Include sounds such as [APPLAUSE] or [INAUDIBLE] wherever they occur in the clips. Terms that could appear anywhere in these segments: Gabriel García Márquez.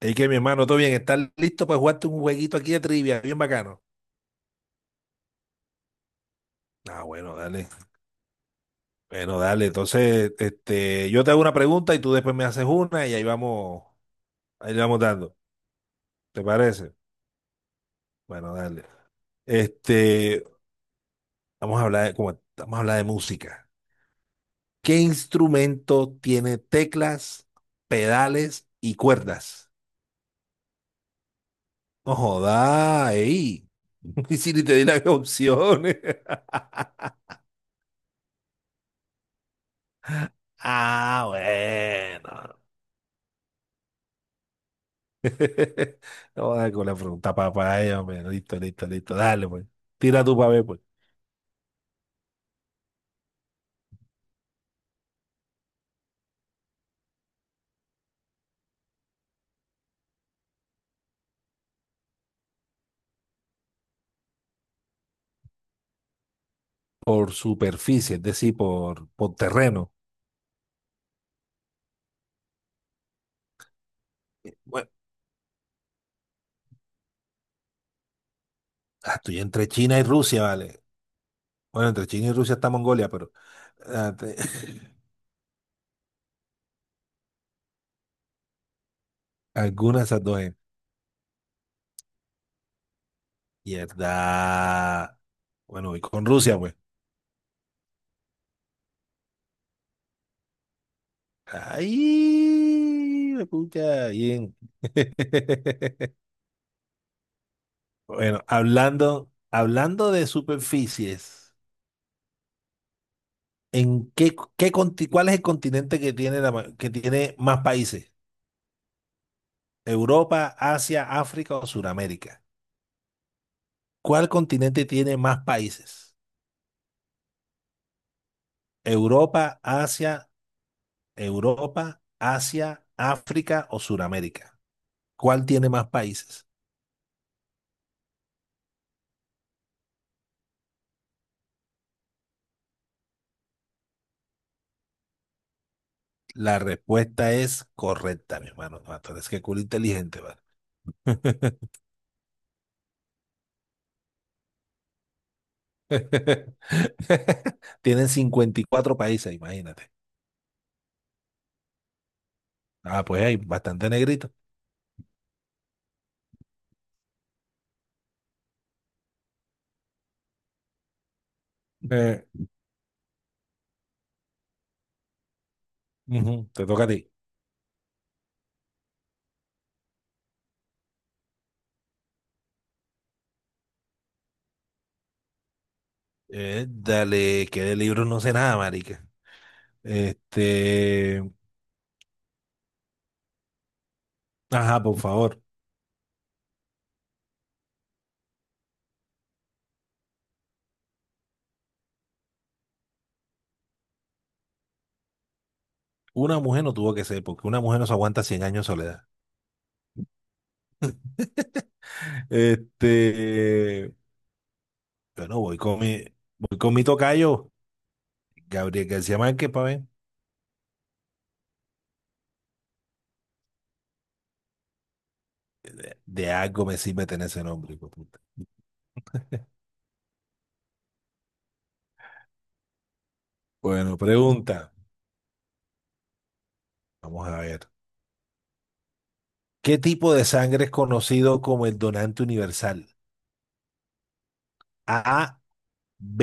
Es que mi hermano, todo bien, ¿estás listo para jugarte un jueguito aquí de trivia? Bien bacano. Ah, bueno, dale. Bueno, dale. Entonces, este, yo te hago una pregunta y tú después me haces una y ahí vamos, ahí le vamos dando. ¿Te parece? Bueno, dale. Este, vamos a hablar de, como, vamos a hablar de música. ¿Qué instrumento tiene teclas, pedales y cuerdas? No joda, ey. [LAUGHS] Y si ni te di las opciones. [LAUGHS] Ah, bueno. [LAUGHS] No, con la pregunta papaya, hombre. Listo, listo, listo. Dale, pues. Tira tu para ver, pues. Por superficie, es decir, por terreno. Bueno, estoy entre China y Rusia, vale. Bueno, entre China y Rusia está Mongolia, pero ah, te- [LAUGHS] Alguna de esas dos es. Mierda. Bueno, voy con Rusia, pues. Ay, me pucha, bien. [LAUGHS] Bueno, hablando de superficies. ¿En qué, qué conti- Cuál es el continente que tiene, que tiene más países? ¿Europa, Asia, África o Sudamérica? ¿Cuál continente tiene más países? ¿Europa, Asia, Europa, Asia, África o Sudamérica? ¿Cuál tiene más países? La respuesta es correcta, mi hermano. No, tú eres que culo inteligente, ¿vale? [LAUGHS] Tienen 54 países, imagínate. Ah, pues hay bastante negrito. Eh, ujú, te toca a ti. Dale, que de libros no sé nada, marica. Este, ajá, por favor. Una mujer no tuvo que ser, porque una mujer no se aguanta 100 años de soledad. [LAUGHS] Este, bueno, voy con mi tocayo, Gabriel García Márquez, pa' ver. De algo me sirve tener ese nombre, hijo de puta. Bueno, pregunta. Vamos a ver. ¿Qué tipo de sangre es conocido como el donante universal? A, B,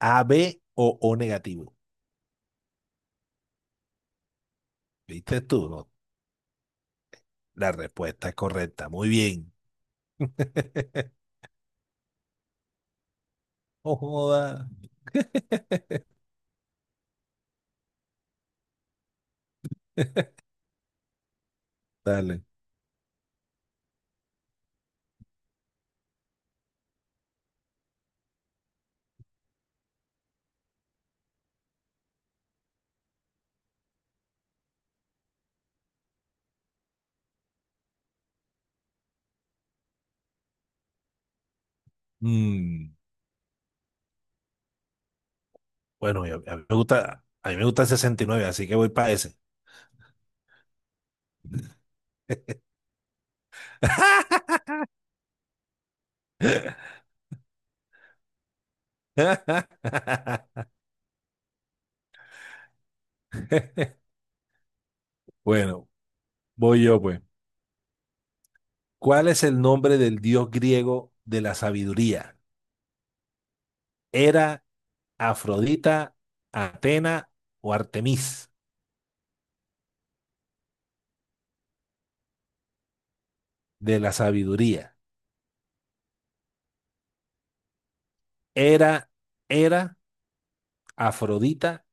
AB o O negativo. ¿Viste tú? No. La respuesta es correcta. Muy bien. [LAUGHS] No joda. [LAUGHS] Dale. Mm, bueno, a mí me gusta el 69, así que voy para ese. [LAUGHS] Bueno, voy yo pues. ¿Cuál es el nombre del dios griego de la sabiduría? ¿Era Afrodita, Atena o Artemis de la sabiduría? ¿Era, era Afrodita,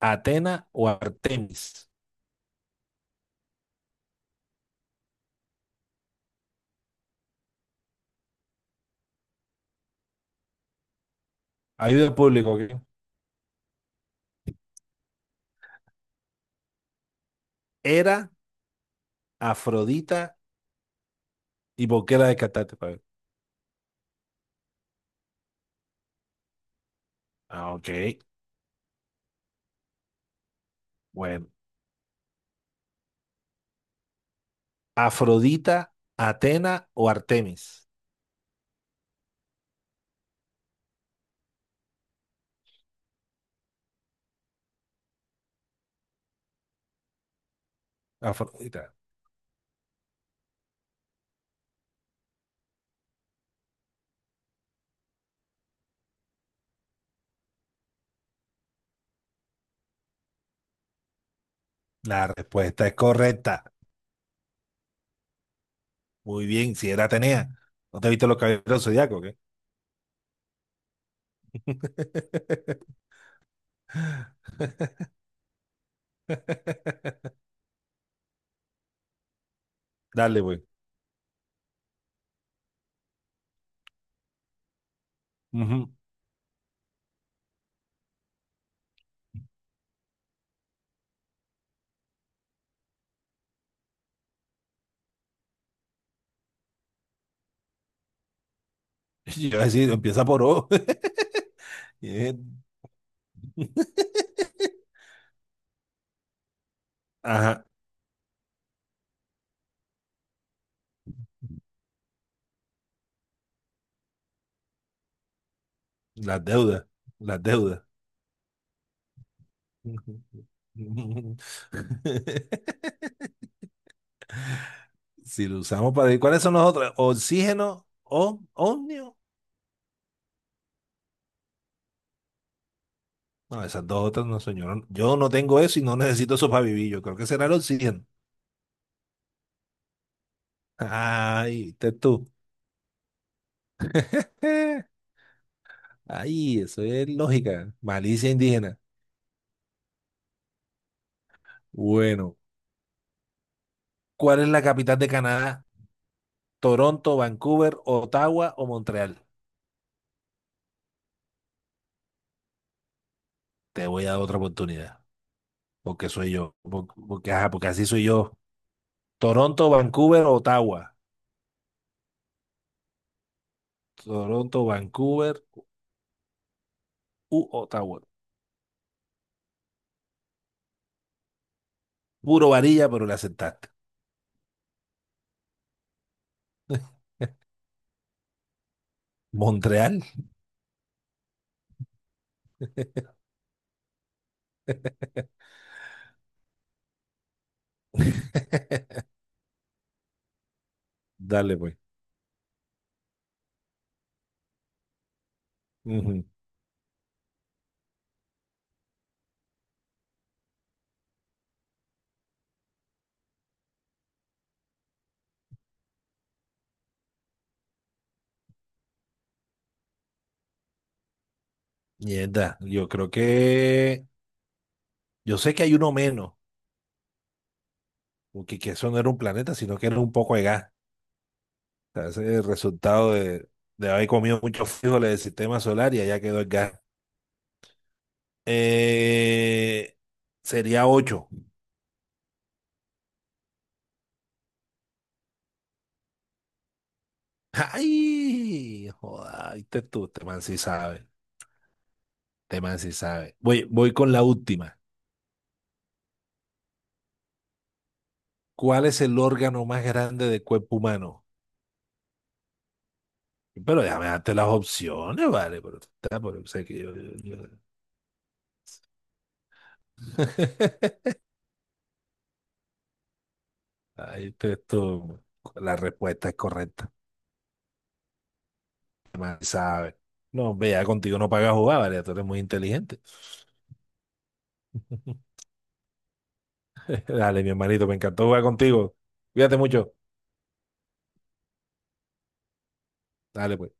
Atena o Artemis? Ayuda al público, ¿ok? ¿Era Afrodita y Boquera de Catate pa' ver? Ah, ok. Bueno. Afrodita, Atena o Artemis. Afrodita. La respuesta es correcta. Muy bien, si era Atenea. ¿No te viste los caballeros del zodiaco o qué? [LAUGHS] Dale, güey. Ujú. [LAUGHS] Yo iba a decir, empieza por O. [LAUGHS] Bien. Ajá, las deudas, las deudas. [LAUGHS] Si lo usamos para... ¿Y cuáles son los otros? ¿Oxígeno o ómnio? No, esas dos otras no, señor. Yo no tengo eso y no necesito eso para vivir. Yo creo que será el oxígeno. [LAUGHS] Ay, viste tú. [LAUGHS] Eh, ay, eso es lógica. Malicia indígena. Bueno, ¿cuál es la capital de Canadá? ¿Toronto, Vancouver, Ottawa o Montreal? Te voy a dar otra oportunidad. Porque soy yo. Porque, ajá, porque así soy yo. Toronto, Vancouver, Ottawa. Toronto, Vancouver u Ottawa. Puro varilla, pero la aceptaste. [LAUGHS] Montreal. [LAUGHS] Dale, pues. Ujú. Mierda, yo creo que. Yo sé que hay uno menos, porque que eso no era un planeta, sino que era un poco de gas. O sea, ese es el resultado de haber comido muchos frijoles del sistema solar y allá quedó el gas. Eh, sería 8. ¡Ay! Joda, viste tú, este man sí sabe. Este man sí sabe. Voy con la última. ¿Cuál es el órgano más grande del cuerpo humano? Pero déjame darte las opciones, vale, pero tú estás o sea que yo. [LAUGHS] Ahí te- tú- la respuesta es correcta, más sabe. No, vea, contigo no paga jugar, vale, tú eres muy inteligente. [LAUGHS] Dale, mi hermanito, me encantó jugar contigo. Cuídate mucho. Dale, pues.